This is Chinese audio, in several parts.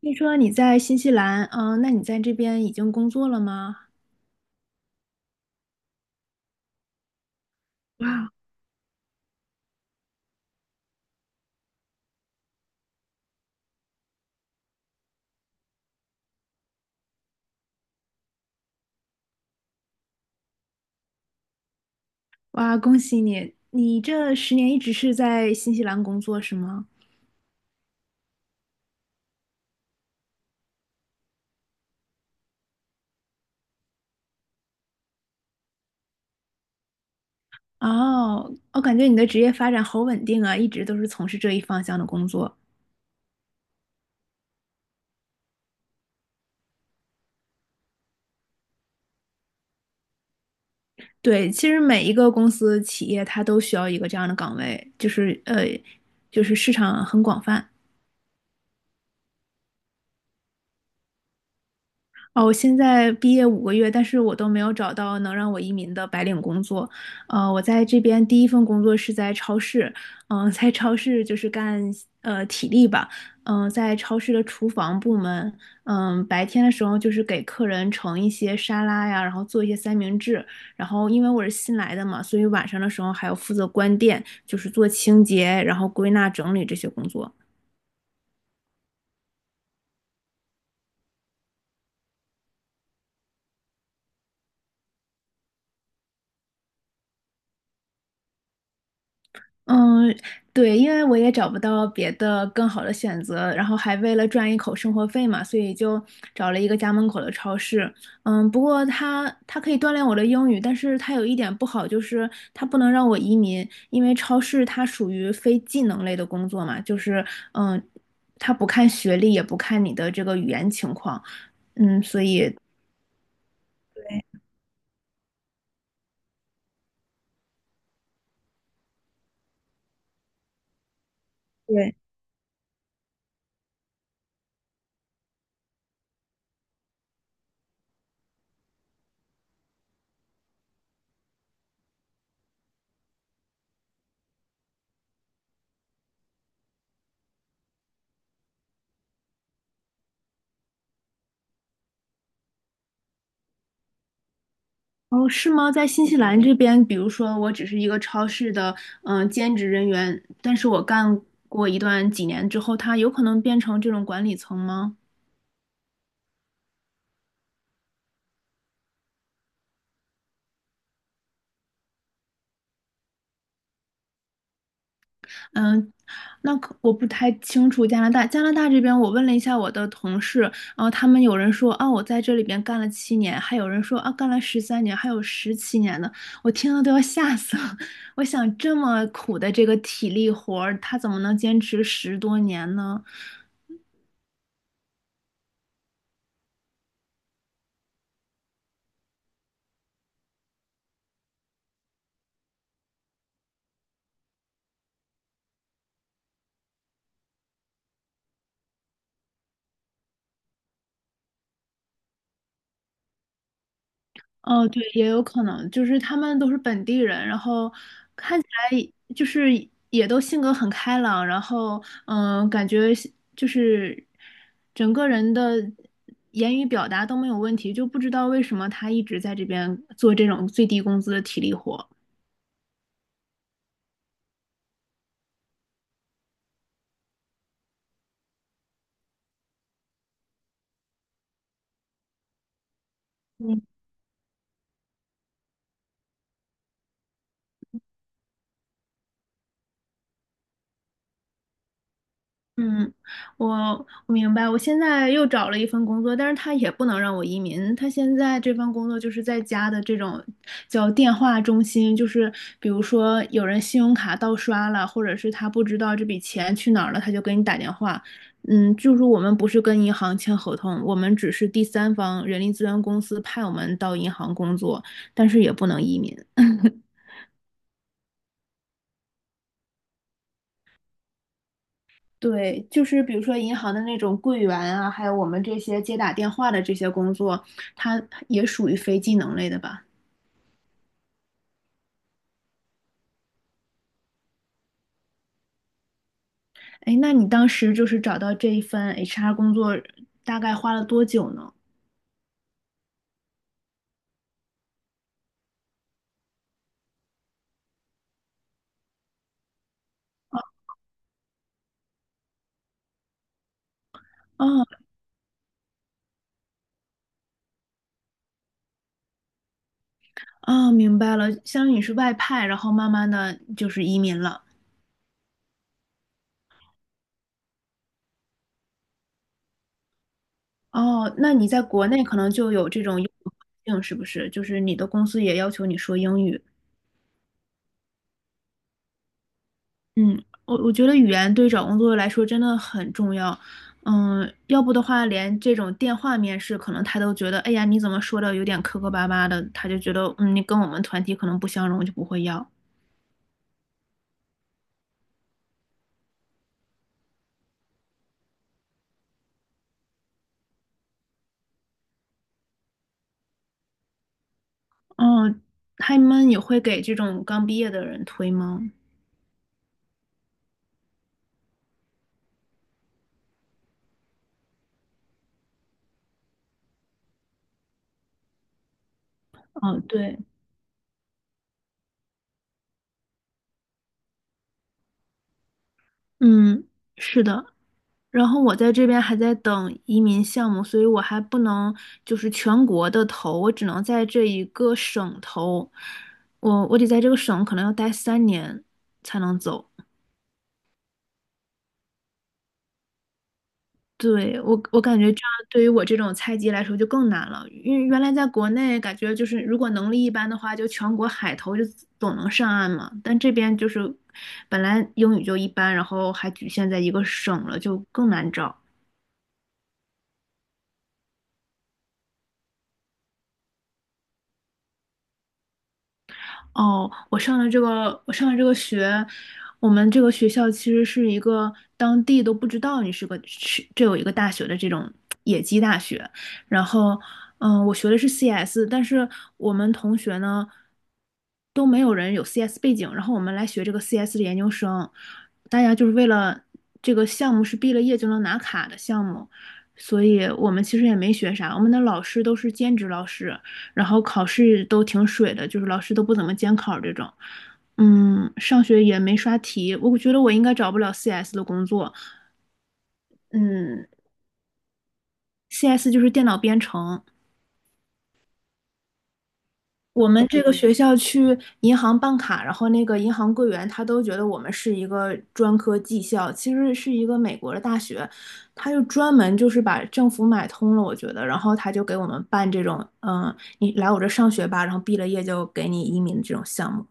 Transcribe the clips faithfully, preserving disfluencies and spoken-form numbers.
听说你在新西兰，嗯、那你在这边已经工作了吗？哇哇，恭喜你！你这十年一直是在新西兰工作是吗？哦，我感觉你的职业发展好稳定啊，一直都是从事这一方向的工作。对，其实每一个公司、企业它都需要一个这样的岗位，就是呃，就是市场很广泛。哦，我现在毕业五个月，但是我都没有找到能让我移民的白领工作。呃，我在这边第一份工作是在超市，嗯、在超市就是干呃体力吧，嗯、在超市的厨房部门，嗯、白天的时候就是给客人盛一些沙拉呀，然后做一些三明治，然后因为我是新来的嘛，所以晚上的时候还要负责关店，就是做清洁，然后归纳整理这些工作。嗯，对，因为我也找不到别的更好的选择，然后还为了赚一口生活费嘛，所以就找了一个家门口的超市。嗯，不过它它可以锻炼我的英语，但是它有一点不好，就是它不能让我移民，因为超市它属于非技能类的工作嘛，就是嗯，它不看学历，也不看你的这个语言情况，嗯，所以。对。对。哦，是吗？在新西兰这边，比如说我只是一个超市的嗯、呃兼职人员，但是我干过一段几年之后，它有可能变成这种管理层吗？嗯，那可我不太清楚加拿大。加拿大这边，我问了一下我的同事，然后他们有人说啊，我在这里边干了七年，还有人说啊，干了十三年，还有十七年的，我听了都要吓死了。我想这么苦的这个体力活儿，他怎么能坚持十多年呢？哦，对，也有可能，就是他们都是本地人，然后看起来就是也都性格很开朗，然后嗯，感觉是就是整个人的言语表达都没有问题，就不知道为什么他一直在这边做这种最低工资的体力活。嗯，我我明白。我现在又找了一份工作，但是他也不能让我移民。他现在这份工作就是在家的这种叫电话中心，就是比如说有人信用卡盗刷了，或者是他不知道这笔钱去哪儿了，他就给你打电话。嗯，就是我们不是跟银行签合同，我们只是第三方人力资源公司派我们到银行工作，但是也不能移民。对，就是比如说银行的那种柜员啊，还有我们这些接打电话的这些工作，它也属于非技能类的吧？哎，那你当时就是找到这一份 H R 工作，大概花了多久呢？哦哦，明白了，相当于你是外派，然后慢慢的就是移民了。哦，那你在国内可能就有这种英语环境，是不是？就是你的公司也要求你说英语。嗯，我我觉得语言对找工作来说真的很重要。嗯，要不的话，连这种电话面试，可能他都觉得，哎呀，你怎么说的有点磕磕巴巴的，他就觉得，嗯，你跟我们团体可能不相容，就不会要。哦，他们也会给这种刚毕业的人推吗？哦，对，嗯，是的。然后我在这边还在等移民项目，所以我还不能就是全国的投，我只能在这一个省投。我我得在这个省可能要待三年才能走。对，我我感觉这样对于我这种菜鸡来说就更难了，因为原来在国内感觉就是如果能力一般的话，就全国海投就总能上岸嘛。但这边就是本来英语就一般，然后还局限在一个省了，就更难找。哦，我上的这个，我上的这个学，我们这个学校其实是一个当地都不知道你是个是这有一个大学的这种野鸡大学。然后，嗯，我学的是 C S,但是我们同学呢都没有人有 C S 背景，然后我们来学这个 C S 的研究生，大家就是为了这个项目是毕了业就能拿卡的项目，所以我们其实也没学啥，我们的老师都是兼职老师，然后考试都挺水的，就是老师都不怎么监考这种。嗯，上学也没刷题，我觉得我应该找不了 C S 的工作。嗯，C S 就是电脑编程。我们这个学校去银行办卡，然后那个银行柜员他都觉得我们是一个专科技校，其实是一个美国的大学，他就专门就是把政府买通了，我觉得，然后他就给我们办这种，嗯，你来我这上学吧，然后毕了业就给你移民的这种项目。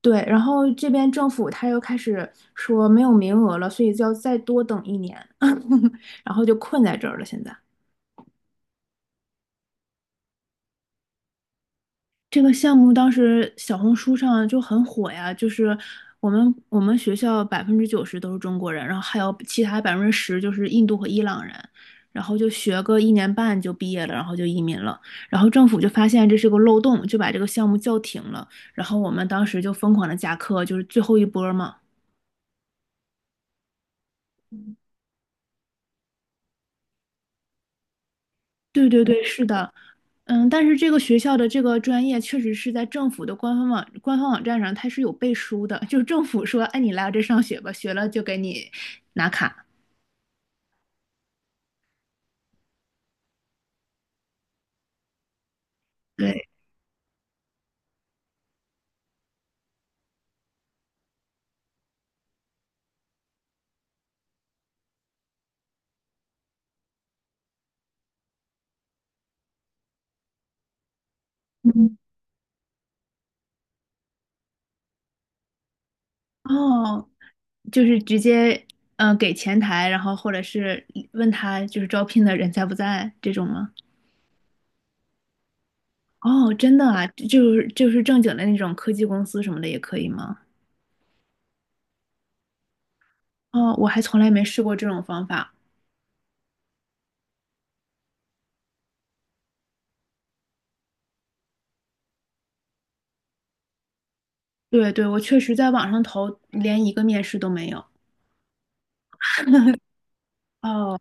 对，然后这边政府他又开始说没有名额了，所以就要再多等一年，然后就困在这儿了。现在这个项目当时小红书上就很火呀，就是我们我们学校百分之九十都是中国人，然后还有其他百分之十就是印度和伊朗人，然后就学个一年半就毕业了，然后就移民了。然后政府就发现这是个漏洞，就把这个项目叫停了。然后我们当时就疯狂的加课，就是最后一波嘛。对对对，是的，嗯，但是这个学校的这个专业确实是在政府的官方网官方网站上，它是有背书的，就是政府说，哎，你来我这上学吧，学了就给你拿卡。对，嗯，哦，就是直接嗯、呃给前台，然后或者是问他就是招聘的人在不在这种吗？哦，真的啊，就是就是正经的那种科技公司什么的也可以吗？哦，我还从来没试过这种方法。对对，我确实在网上投，连一个面试都没有。哦，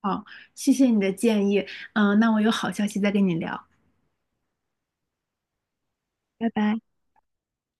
好，谢谢你的建议。嗯、那我有好消息再跟你聊。拜拜。